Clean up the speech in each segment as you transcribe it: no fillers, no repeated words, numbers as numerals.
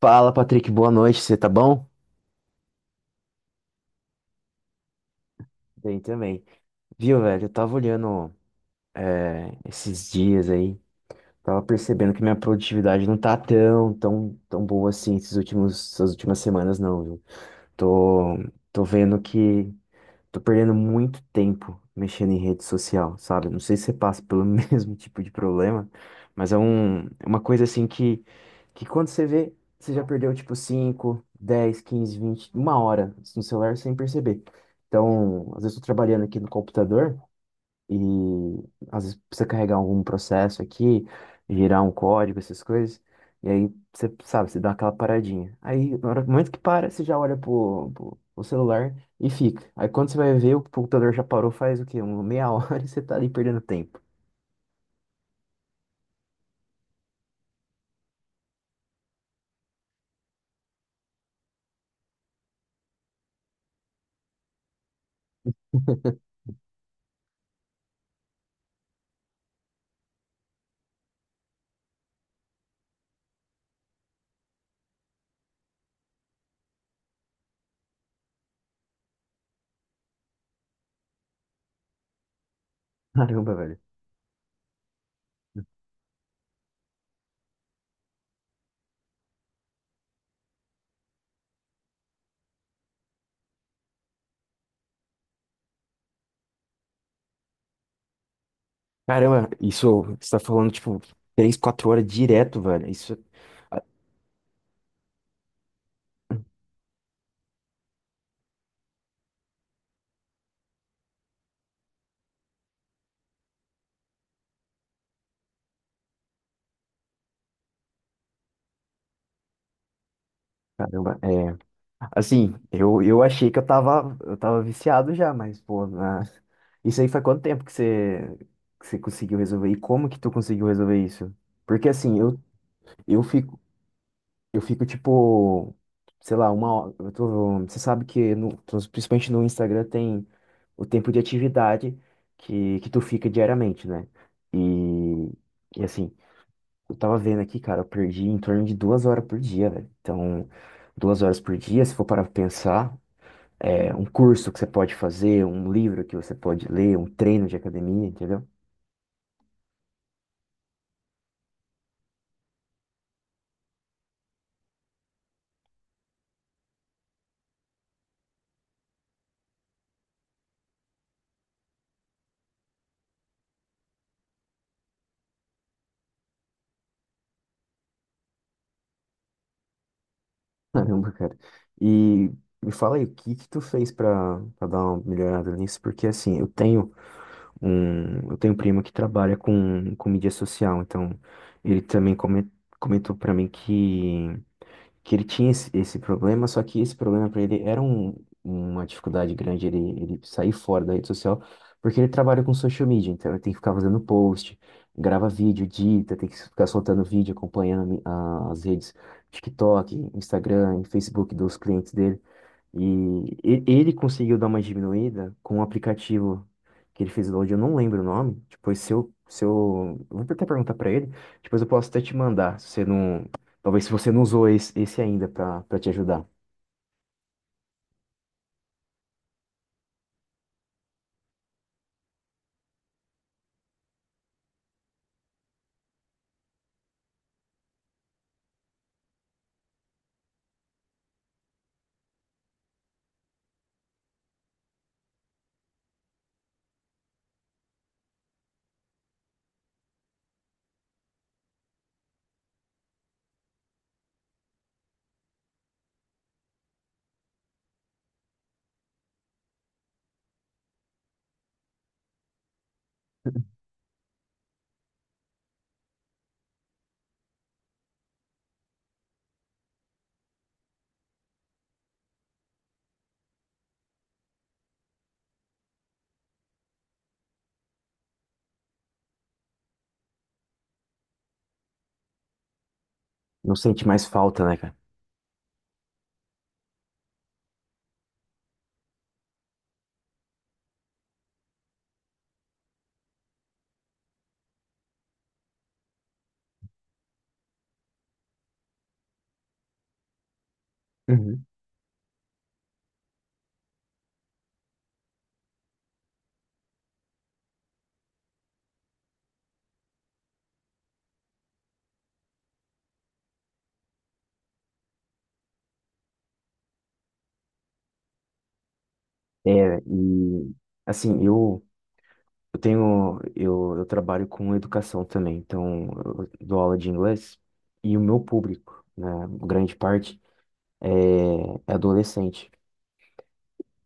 Fala, Patrick, boa noite, você tá bom? Bem também. Viu, velho, eu tava olhando esses dias aí, tava percebendo que minha produtividade não tá tão boa assim esses essas últimas semanas não, viu? Tô, tô vendo que tô perdendo muito tempo mexendo em rede social, sabe? Não sei se você passa pelo mesmo tipo de problema, mas é uma coisa assim que quando você vê, você já perdeu tipo 5, 10, 15, 20, uma hora no celular sem perceber. Então, às vezes eu tô trabalhando aqui no computador. E às vezes precisa carregar algum processo aqui, girar um código, essas coisas. E aí você sabe, você dá aquela paradinha. Aí, no momento que para, você já olha pro celular e fica. Aí quando você vai ver, o computador já parou faz o quê? Uma meia hora e você tá ali perdendo tempo. Caramba, velho. Caramba, isso você tá falando, tipo, três quatro horas direto, velho. Isso, ah, caramba, é. Assim, eu achei que eu eu tava viciado já, mas, pô, isso aí faz quanto tempo que que você conseguiu resolver? E como que tu conseguiu resolver isso? Porque, assim, eu fico, eu fico, tipo, sei lá, uma hora, eu tô, você sabe que, no, principalmente no Instagram, tem o tempo de atividade que tu fica diariamente, né? E, e, assim, eu tava vendo aqui, cara, eu perdi em torno de 2 horas por dia, velho. Então, 2 horas por dia, se for para pensar é, um curso que você pode fazer, um livro que você pode ler, um treino de academia, entendeu? Caramba, cara. E me fala aí, o que que tu fez pra dar uma melhorada nisso? Porque assim, eu tenho eu tenho um primo que trabalha com mídia social, então ele também comentou pra mim que ele tinha esse problema, só que esse problema para ele era uma dificuldade grande ele sair fora da rede social, porque ele trabalha com social media, então ele tem que ficar fazendo post, grava vídeo, edita, tem que ficar soltando vídeo, acompanhando as redes TikTok, Instagram e Facebook dos clientes dele. E ele conseguiu dar uma diminuída com um aplicativo que ele fez o download, eu não lembro o nome. Depois, se eu, se eu, eu vou até perguntar pra ele, depois eu posso até te mandar, se você não, talvez se você não usou esse ainda pra te ajudar. Não sente mais falta, né, cara? Uhum. É, e assim, eu trabalho com educação também, então eu dou aula de inglês e o meu público, né, grande parte, é, é adolescente.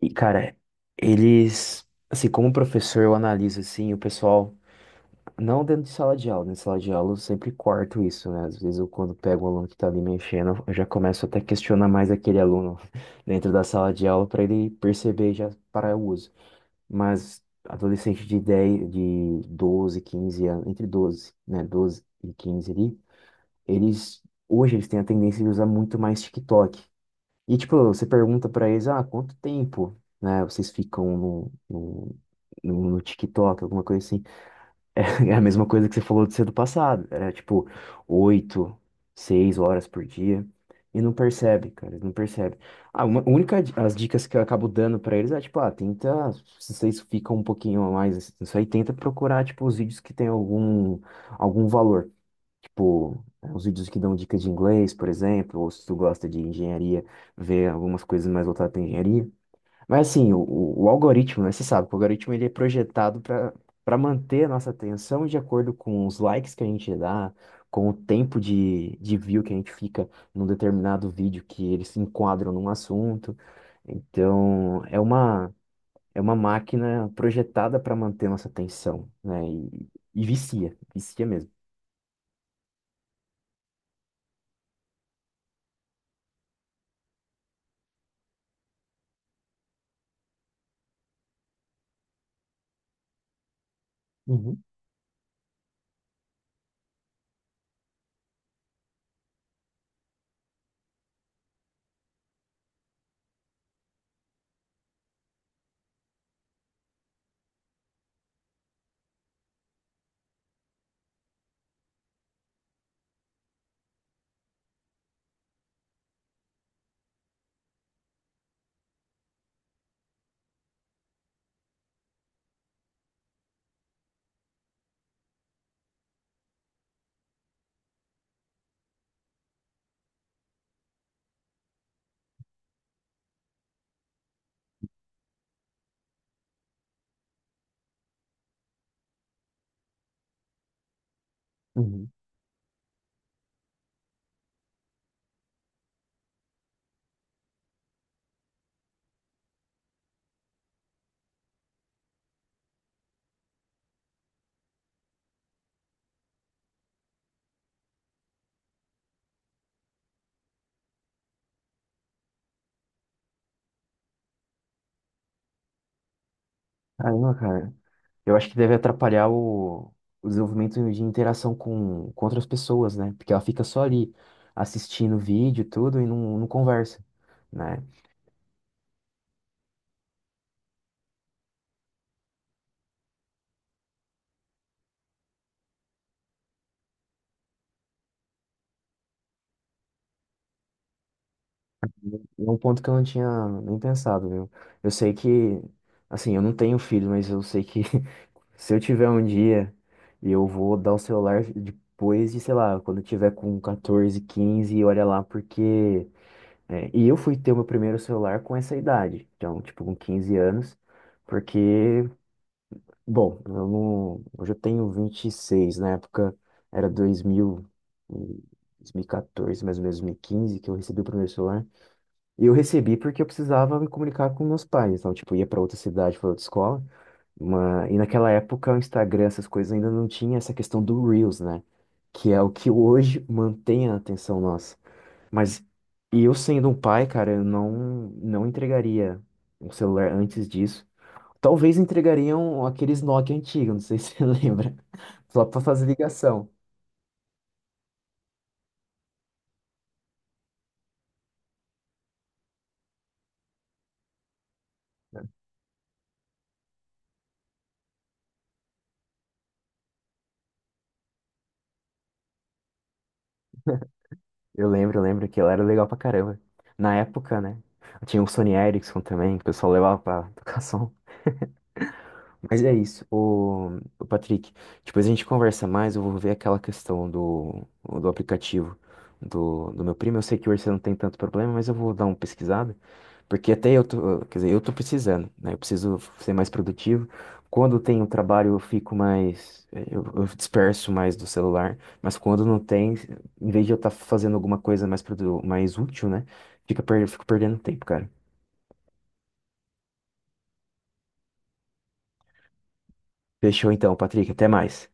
E, cara, eles, assim, como professor, eu analiso, assim, o pessoal, não dentro de sala de aula, né? Sala de aula eu sempre corto isso, né? Às vezes eu, quando pego um aluno que tá ali mexendo, eu já começo até a questionar mais aquele aluno dentro da sala de aula para ele perceber e já parar o uso. Mas adolescente de 10 de 12 15 anos, entre 12 né? Doze e 15 ali, eles, hoje eles têm a tendência de usar muito mais TikTok. E, tipo, você pergunta pra eles, ah, quanto tempo, né, vocês ficam no TikTok, alguma coisa assim. É a mesma coisa que você falou de ser do passado. Era, tipo, oito, seis horas por dia. E não percebe, cara, não percebe. Ah, uma a as dicas que eu acabo dando pra eles é, tipo, ah, tenta, se vocês ficam um pouquinho a mais, isso aí, tenta procurar, tipo, os vídeos que tem algum valor. Tipo, uns vídeos que dão dicas de inglês, por exemplo, ou se tu gosta de engenharia, ver algumas coisas mais voltadas para engenharia. Mas assim, o algoritmo, né? Você sabe que o algoritmo ele é projetado para manter a nossa atenção de acordo com os likes que a gente dá, com o tempo de view que a gente fica num determinado vídeo que eles se enquadram num assunto. Então, é uma máquina projetada para manter nossa atenção, né? E vicia, vicia mesmo. Uhum. Uhum. Caramba, cara. Eu acho que deve atrapalhar o desenvolvimento de interação com outras pessoas, né? Porque ela fica só ali assistindo vídeo e tudo e não conversa, né? É um ponto que eu não tinha nem pensado, viu? Eu sei que, assim, eu não tenho filho, mas eu sei que se eu tiver um dia e eu vou dar o celular depois de, sei lá, quando eu tiver com 14, 15 olha lá, porque é, e eu fui ter o meu primeiro celular com essa idade, então, tipo, com 15 anos. Porque bom, eu não, hoje eu tenho 26 na época era 2000, e 2014, mais ou menos 2015 que eu recebi o primeiro celular. E eu recebi porque eu precisava me comunicar com meus pais, então, tipo, eu ia para outra cidade, para outra escola. Mas, e naquela época o Instagram, essas coisas ainda não tinha essa questão do Reels, né? Que é o que hoje mantém a atenção nossa. Mas, e eu sendo um pai, cara, eu não, não entregaria um celular antes disso. Talvez entregariam aqueles Nokia antigos, não sei se você lembra. Só pra fazer ligação. Eu lembro que ela era legal pra caramba. Na época, né? Tinha o Sony Ericsson também, que o pessoal levava pra educação. Mas é isso, o Patrick. Depois a gente conversa mais, eu vou ver aquela questão do aplicativo do meu primo. Eu sei que hoje você não tem tanto problema, mas eu vou dar uma pesquisada. Porque até eu tô, quer dizer, eu tô precisando, né? Eu preciso ser mais produtivo. Quando tem o trabalho, eu fico mais, eu disperso mais do celular, mas quando não tem, em vez de eu estar fazendo alguma coisa mais útil, né? Eu fico perdendo tempo, cara. Fechou então, Patrick, até mais.